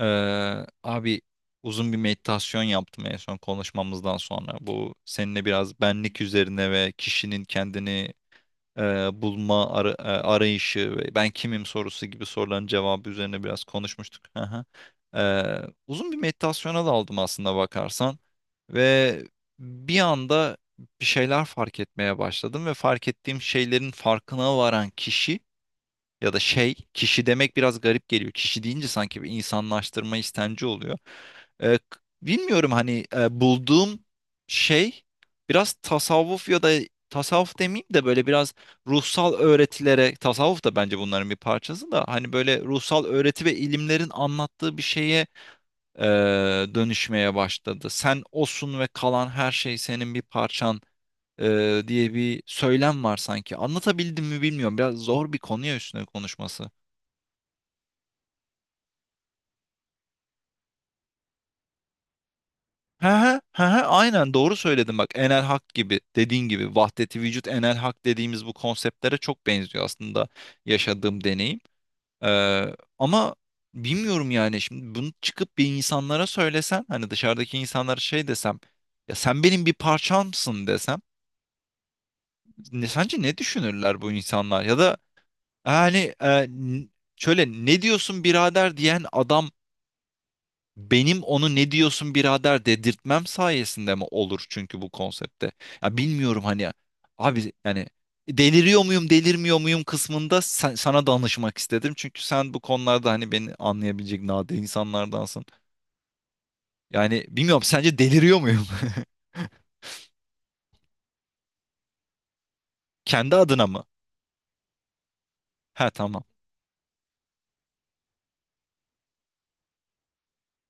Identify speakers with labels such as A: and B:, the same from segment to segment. A: Abi, uzun bir meditasyon yaptım en son konuşmamızdan sonra. Bu seninle biraz benlik üzerine ve kişinin kendini e, bulma arayışı ve ben kimim sorusu gibi soruların cevabı üzerine biraz konuşmuştuk. Hı hı. Uzun bir meditasyona daldım aslında bakarsan ve bir anda bir şeyler fark etmeye başladım ve fark ettiğim şeylerin farkına varan kişi ya da şey, kişi demek biraz garip geliyor. Kişi deyince sanki bir insanlaştırma istenci oluyor. Bilmiyorum hani, bulduğum şey biraz tasavvuf ya da tasavvuf demeyeyim de böyle biraz ruhsal öğretilere, tasavvuf da bence bunların bir parçası, da hani böyle ruhsal öğreti ve ilimlerin anlattığı bir şeye e, dönüşmeye başladı. Sen osun ve kalan her şey senin bir parçan diye bir söylem var sanki. Anlatabildim mi bilmiyorum. Biraz zor bir konu ya üstüne konuşması. He he, he he, aynen doğru söyledin bak, Enel Hak gibi, dediğin gibi vahdeti vücut, Enel Hak dediğimiz bu konseptlere çok benziyor aslında yaşadığım deneyim. Ama bilmiyorum yani, şimdi bunu çıkıp bir insanlara söylesen, hani dışarıdaki insanlara şey desem, ya sen benim bir parçamsın desem, sence ne düşünürler bu insanlar ya da hani e, n- şöyle ne diyorsun birader diyen adam, benim onu ne diyorsun birader dedirtmem sayesinde mi olur çünkü bu konsepte? Ya bilmiyorum hani, abi yani deliriyor muyum delirmiyor muyum kısmında sana danışmak istedim. Çünkü sen bu konularda hani beni anlayabilecek nadir insanlardansın. Yani bilmiyorum, sence deliriyor muyum? Kendi adına mı? Ha tamam.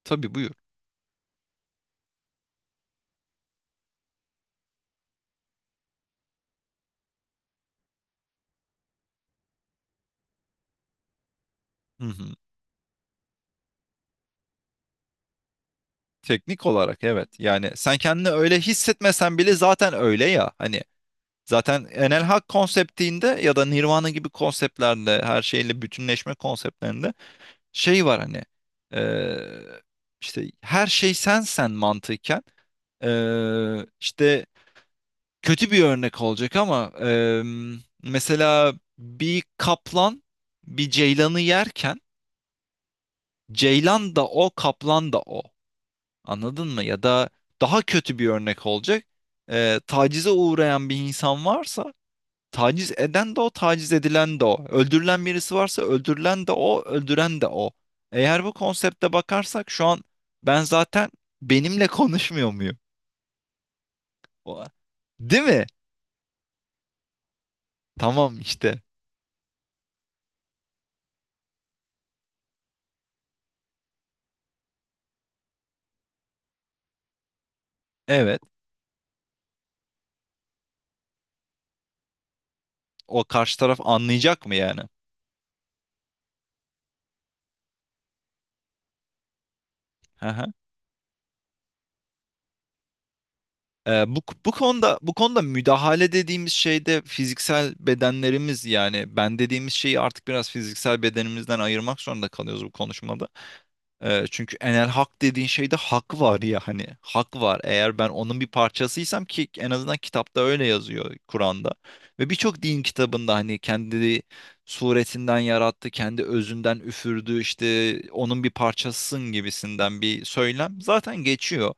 A: Tabii, buyur. Hı hı. Teknik olarak evet. Yani sen kendini öyle hissetmesen bile zaten öyle ya. Hani zaten Enel Hak konseptinde ya da Nirvana gibi konseptlerle, her şeyle bütünleşme konseptlerinde şey var hani, eee, işte her şey sensen mantıken, işte kötü bir örnek olacak ama mesela bir kaplan bir ceylanı yerken, ceylan da o, kaplan da o, anladın mı? Ya da daha kötü bir örnek olacak, tacize uğrayan bir insan varsa, taciz eden de o, taciz edilen de o. Öldürülen birisi varsa, öldürülen de o, öldüren de o. Eğer bu konsepte bakarsak şu an ben zaten benimle konuşmuyor muyum? O- değil mi? Tamam işte. Evet. O karşı taraf anlayacak mı yani? Hı hı. Bu konuda müdahale dediğimiz şey de fiziksel bedenlerimiz, yani ben dediğimiz şeyi artık biraz fiziksel bedenimizden ayırmak zorunda kalıyoruz bu konuşmada. Çünkü Enel Hak dediğin şeyde hak var ya, hani hak var. Eğer ben onun bir parçasıysam, ki en azından kitapta öyle yazıyor, Kur'an'da ve birçok din kitabında, hani kendi suretinden yarattı, kendi özünden üfürdü, işte onun bir parçasısın gibisinden bir söylem zaten geçiyor.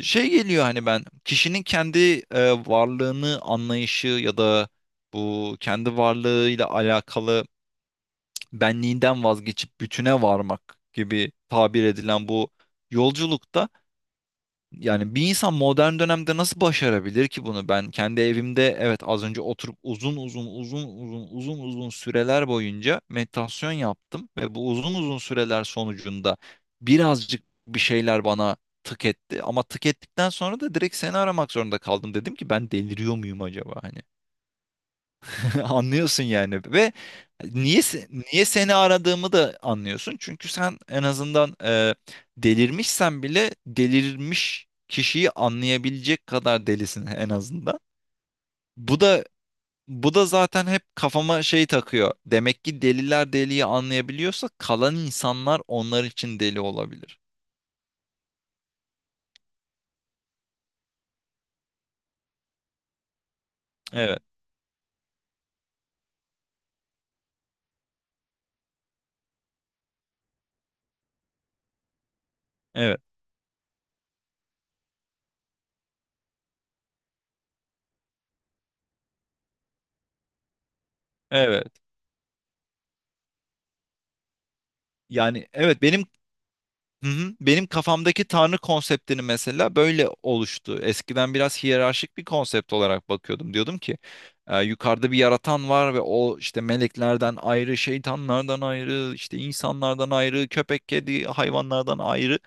A: Şey geliyor hani, ben kişinin kendi varlığını anlayışı ya da bu kendi varlığıyla alakalı benliğinden vazgeçip bütüne varmak gibi tabir edilen bu yolculukta, yani bir insan modern dönemde nasıl başarabilir ki bunu? Ben kendi evimde, evet, az önce oturup uzun uzun uzun uzun uzun uzun süreler boyunca meditasyon yaptım ve bu uzun uzun süreler sonucunda birazcık bir şeyler bana tık etti, ama tık ettikten sonra da direkt seni aramak zorunda kaldım. Dedim ki ben deliriyor muyum acaba? Hani anlıyorsun yani. Ve niye seni aradığımı da anlıyorsun. Çünkü sen en azından, delirmişsen bile, delirmiş kişiyi anlayabilecek kadar delisin en azından. Bu da, bu da zaten hep kafama şey takıyor. Demek ki deliler deliyi anlayabiliyorsa, kalan insanlar onlar için deli olabilir. Evet, evet, evet. Yani evet, benim, hı hı, benim kafamdaki tanrı konseptini mesela böyle oluştu. Eskiden biraz hiyerarşik bir konsept olarak bakıyordum. Diyordum ki yukarıda bir yaratan var ve o işte meleklerden ayrı, şeytanlardan ayrı, işte insanlardan ayrı, köpek, kedi, hayvanlardan ayrı.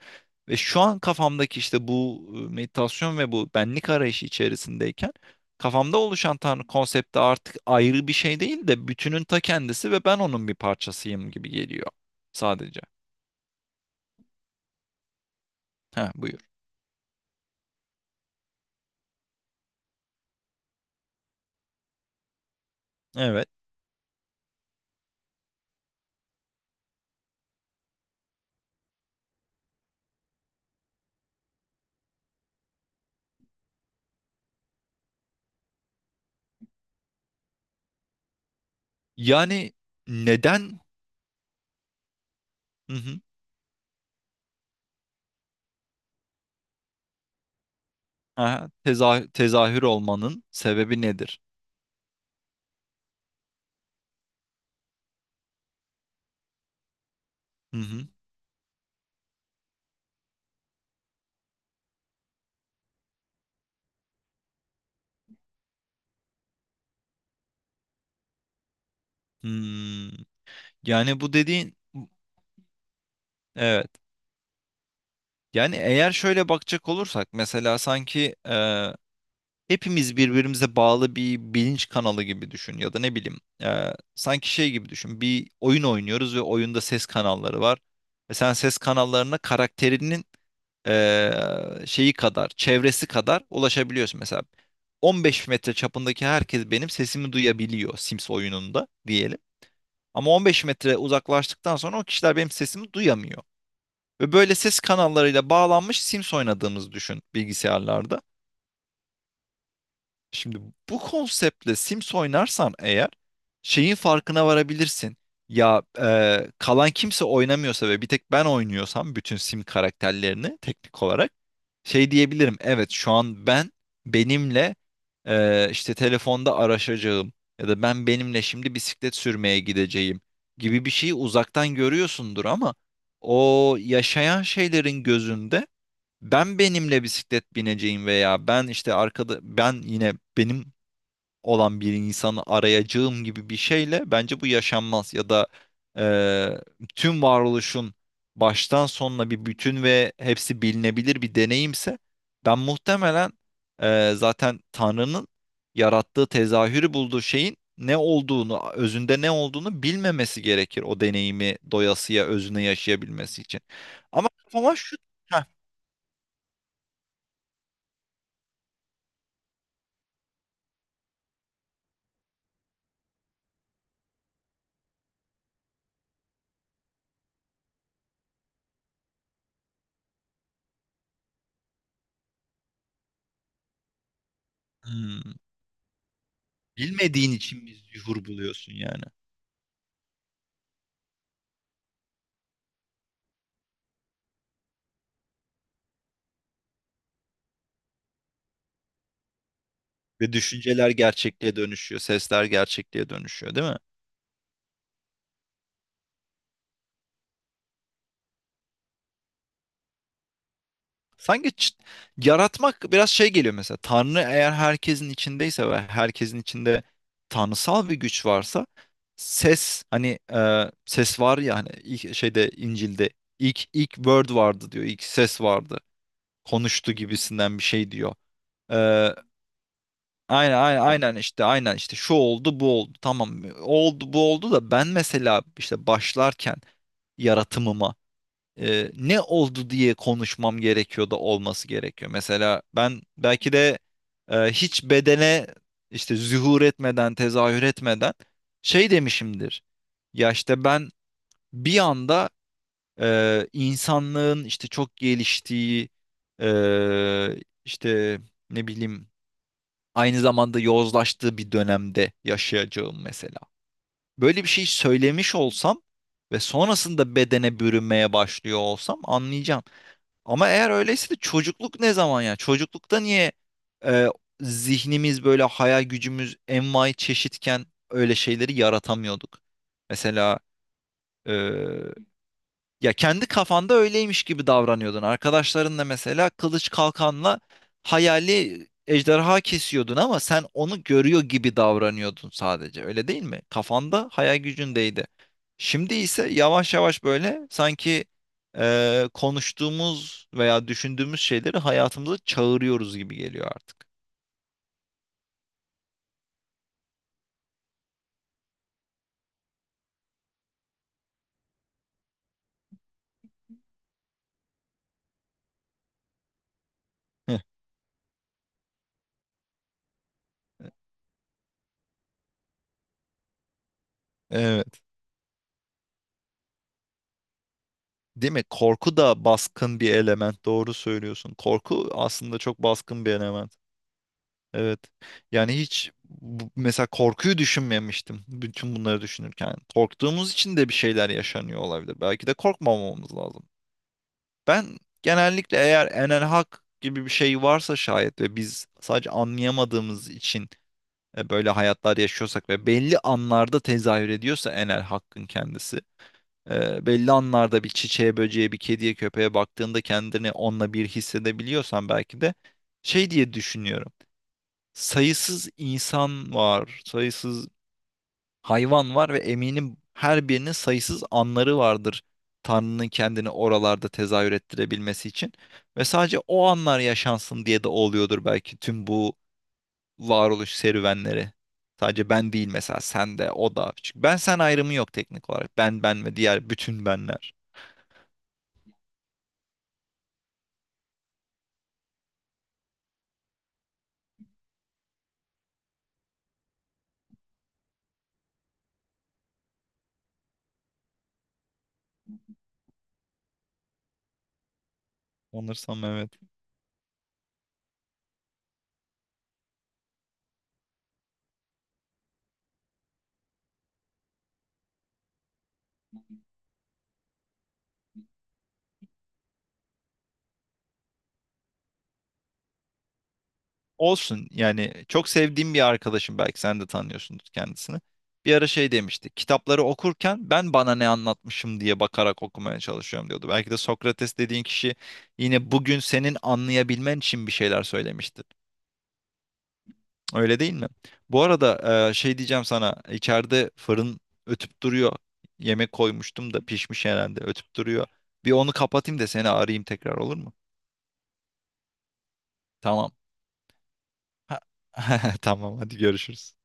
A: Ve şu an kafamdaki işte bu meditasyon ve bu benlik arayışı içerisindeyken kafamda oluşan tanrı konsepti artık ayrı bir şey değil de bütünün ta kendisi ve ben onun bir parçasıyım gibi geliyor sadece. Ha, buyur. Evet. Yani neden, hı hı. Aha, tezahür olmanın sebebi nedir? Hı hı. Hmm. Yani bu dediğin, evet. Yani eğer şöyle bakacak olursak, mesela sanki hepimiz birbirimize bağlı bir bilinç kanalı gibi düşün, ya da ne bileyim, sanki şey gibi düşün, bir oyun oynuyoruz ve oyunda ses kanalları var ve sen ses kanallarına karakterinin şeyi kadar, çevresi kadar ulaşabiliyorsun. Mesela 15 metre çapındaki herkes benim sesimi duyabiliyor Sims oyununda diyelim, ama 15 metre uzaklaştıktan sonra o kişiler benim sesimi duyamıyor ve böyle ses kanallarıyla bağlanmış Sims oynadığımızı düşün bilgisayarlarda. Şimdi bu konseptle Sims oynarsan eğer, şeyin farkına varabilirsin. Ya kalan kimse oynamıyorsa ve bir tek ben oynuyorsam, bütün Sim karakterlerini teknik olarak şey diyebilirim. Evet, şu an ben benimle işte telefonda araşacağım ya da ben benimle şimdi bisiklet sürmeye gideceğim gibi bir şeyi uzaktan görüyorsundur, ama o yaşayan şeylerin gözünde ben benimle bisiklet bineceğim veya ben işte arkada ben yine benim olan bir insanı arayacağım gibi bir şeyle, bence bu yaşanmaz. Ya da tüm varoluşun baştan sonuna bir bütün ve hepsi bilinebilir bir deneyimse, ben muhtemelen, zaten Tanrı'nın yarattığı, tezahürü bulduğu şeyin ne olduğunu, özünde ne olduğunu bilmemesi gerekir o deneyimi doyasıya özüne yaşayabilmesi için. Ama ama şu, heh. Hmm, bilmediğin için biz yuhur buluyorsun yani. Ve düşünceler gerçekliğe dönüşüyor, sesler gerçekliğe dönüşüyor, değil mi? Sanki yaratmak biraz şey geliyor mesela. Tanrı eğer herkesin içindeyse ve herkesin içinde tanrısal bir güç varsa, ses, hani ses var ya, hani ilk şeyde, İncil'de ilk word vardı diyor. İlk ses vardı. Konuştu gibisinden bir şey diyor. E, aynen, aynen, aynen, işte aynen, işte şu oldu, bu oldu, tamam, oldu bu oldu da ben mesela işte başlarken yaratımıma ne oldu diye konuşmam gerekiyor da olması gerekiyor. Mesela ben belki de hiç bedene, işte zuhur etmeden, tezahür etmeden şey demişimdir. Ya işte ben bir anda insanlığın işte çok geliştiği, e, işte ne bileyim, aynı zamanda yozlaştığı bir dönemde yaşayacağım mesela. Böyle bir şey söylemiş olsam ve sonrasında bedene bürünmeye başlıyor olsam, anlayacağım. Ama eğer öyleyse de çocukluk ne zaman ya? Çocuklukta niye, e, zihnimiz böyle, hayal gücümüz envai çeşitken öyle şeyleri yaratamıyorduk? Mesela e, ya kendi kafanda öyleymiş gibi davranıyordun. Arkadaşlarınla mesela kılıç kalkanla hayali ejderha kesiyordun, ama sen onu görüyor gibi davranıyordun sadece. Öyle değil mi? Kafanda, hayal gücündeydi. Şimdi ise yavaş yavaş böyle sanki konuştuğumuz veya düşündüğümüz şeyleri hayatımıza çağırıyoruz gibi geliyor artık. Heh, evet. Değil mi? Korku da baskın bir element. Doğru söylüyorsun. Korku aslında çok baskın bir element. Evet. Yani hiç mesela korkuyu düşünmemiştim bütün bunları düşünürken. Korktuğumuz için de bir şeyler yaşanıyor olabilir. Belki de korkmamamız lazım. Ben genellikle, eğer Enel Hak gibi bir şey varsa şayet ve biz sadece anlayamadığımız için böyle hayatlar yaşıyorsak ve belli anlarda tezahür ediyorsa Enel Hakkın kendisi, belli anlarda bir çiçeğe, böceğe, bir kediye, köpeğe baktığında kendini onunla bir hissedebiliyorsan, belki de şey diye düşünüyorum: sayısız insan var, sayısız hayvan var ve eminim her birinin sayısız anları vardır Tanrı'nın kendini oralarda tezahür ettirebilmesi için. Ve sadece o anlar yaşansın diye de oluyordur belki tüm bu varoluş serüvenleri. Sadece ben değil, mesela sen de, o da. Çünkü ben sen ayrımı yok teknik olarak. Ben, ben ve diğer bütün benler. Sanırsam evet. Olsun yani, çok sevdiğim bir arkadaşım, belki sen de tanıyorsundur kendisini. Bir ara şey demişti: kitapları okurken ben bana ne anlatmışım diye bakarak okumaya çalışıyorum diyordu. Belki de Sokrates dediğin kişi yine bugün senin anlayabilmen için bir şeyler söylemiştir. Öyle değil mi? Bu arada şey diyeceğim sana, içeride fırın ötüp duruyor. Yemek koymuştum da pişmiş herhalde, ötüp duruyor. Bir onu kapatayım da seni arayayım tekrar, olur mu? Tamam. Tamam, hadi görüşürüz.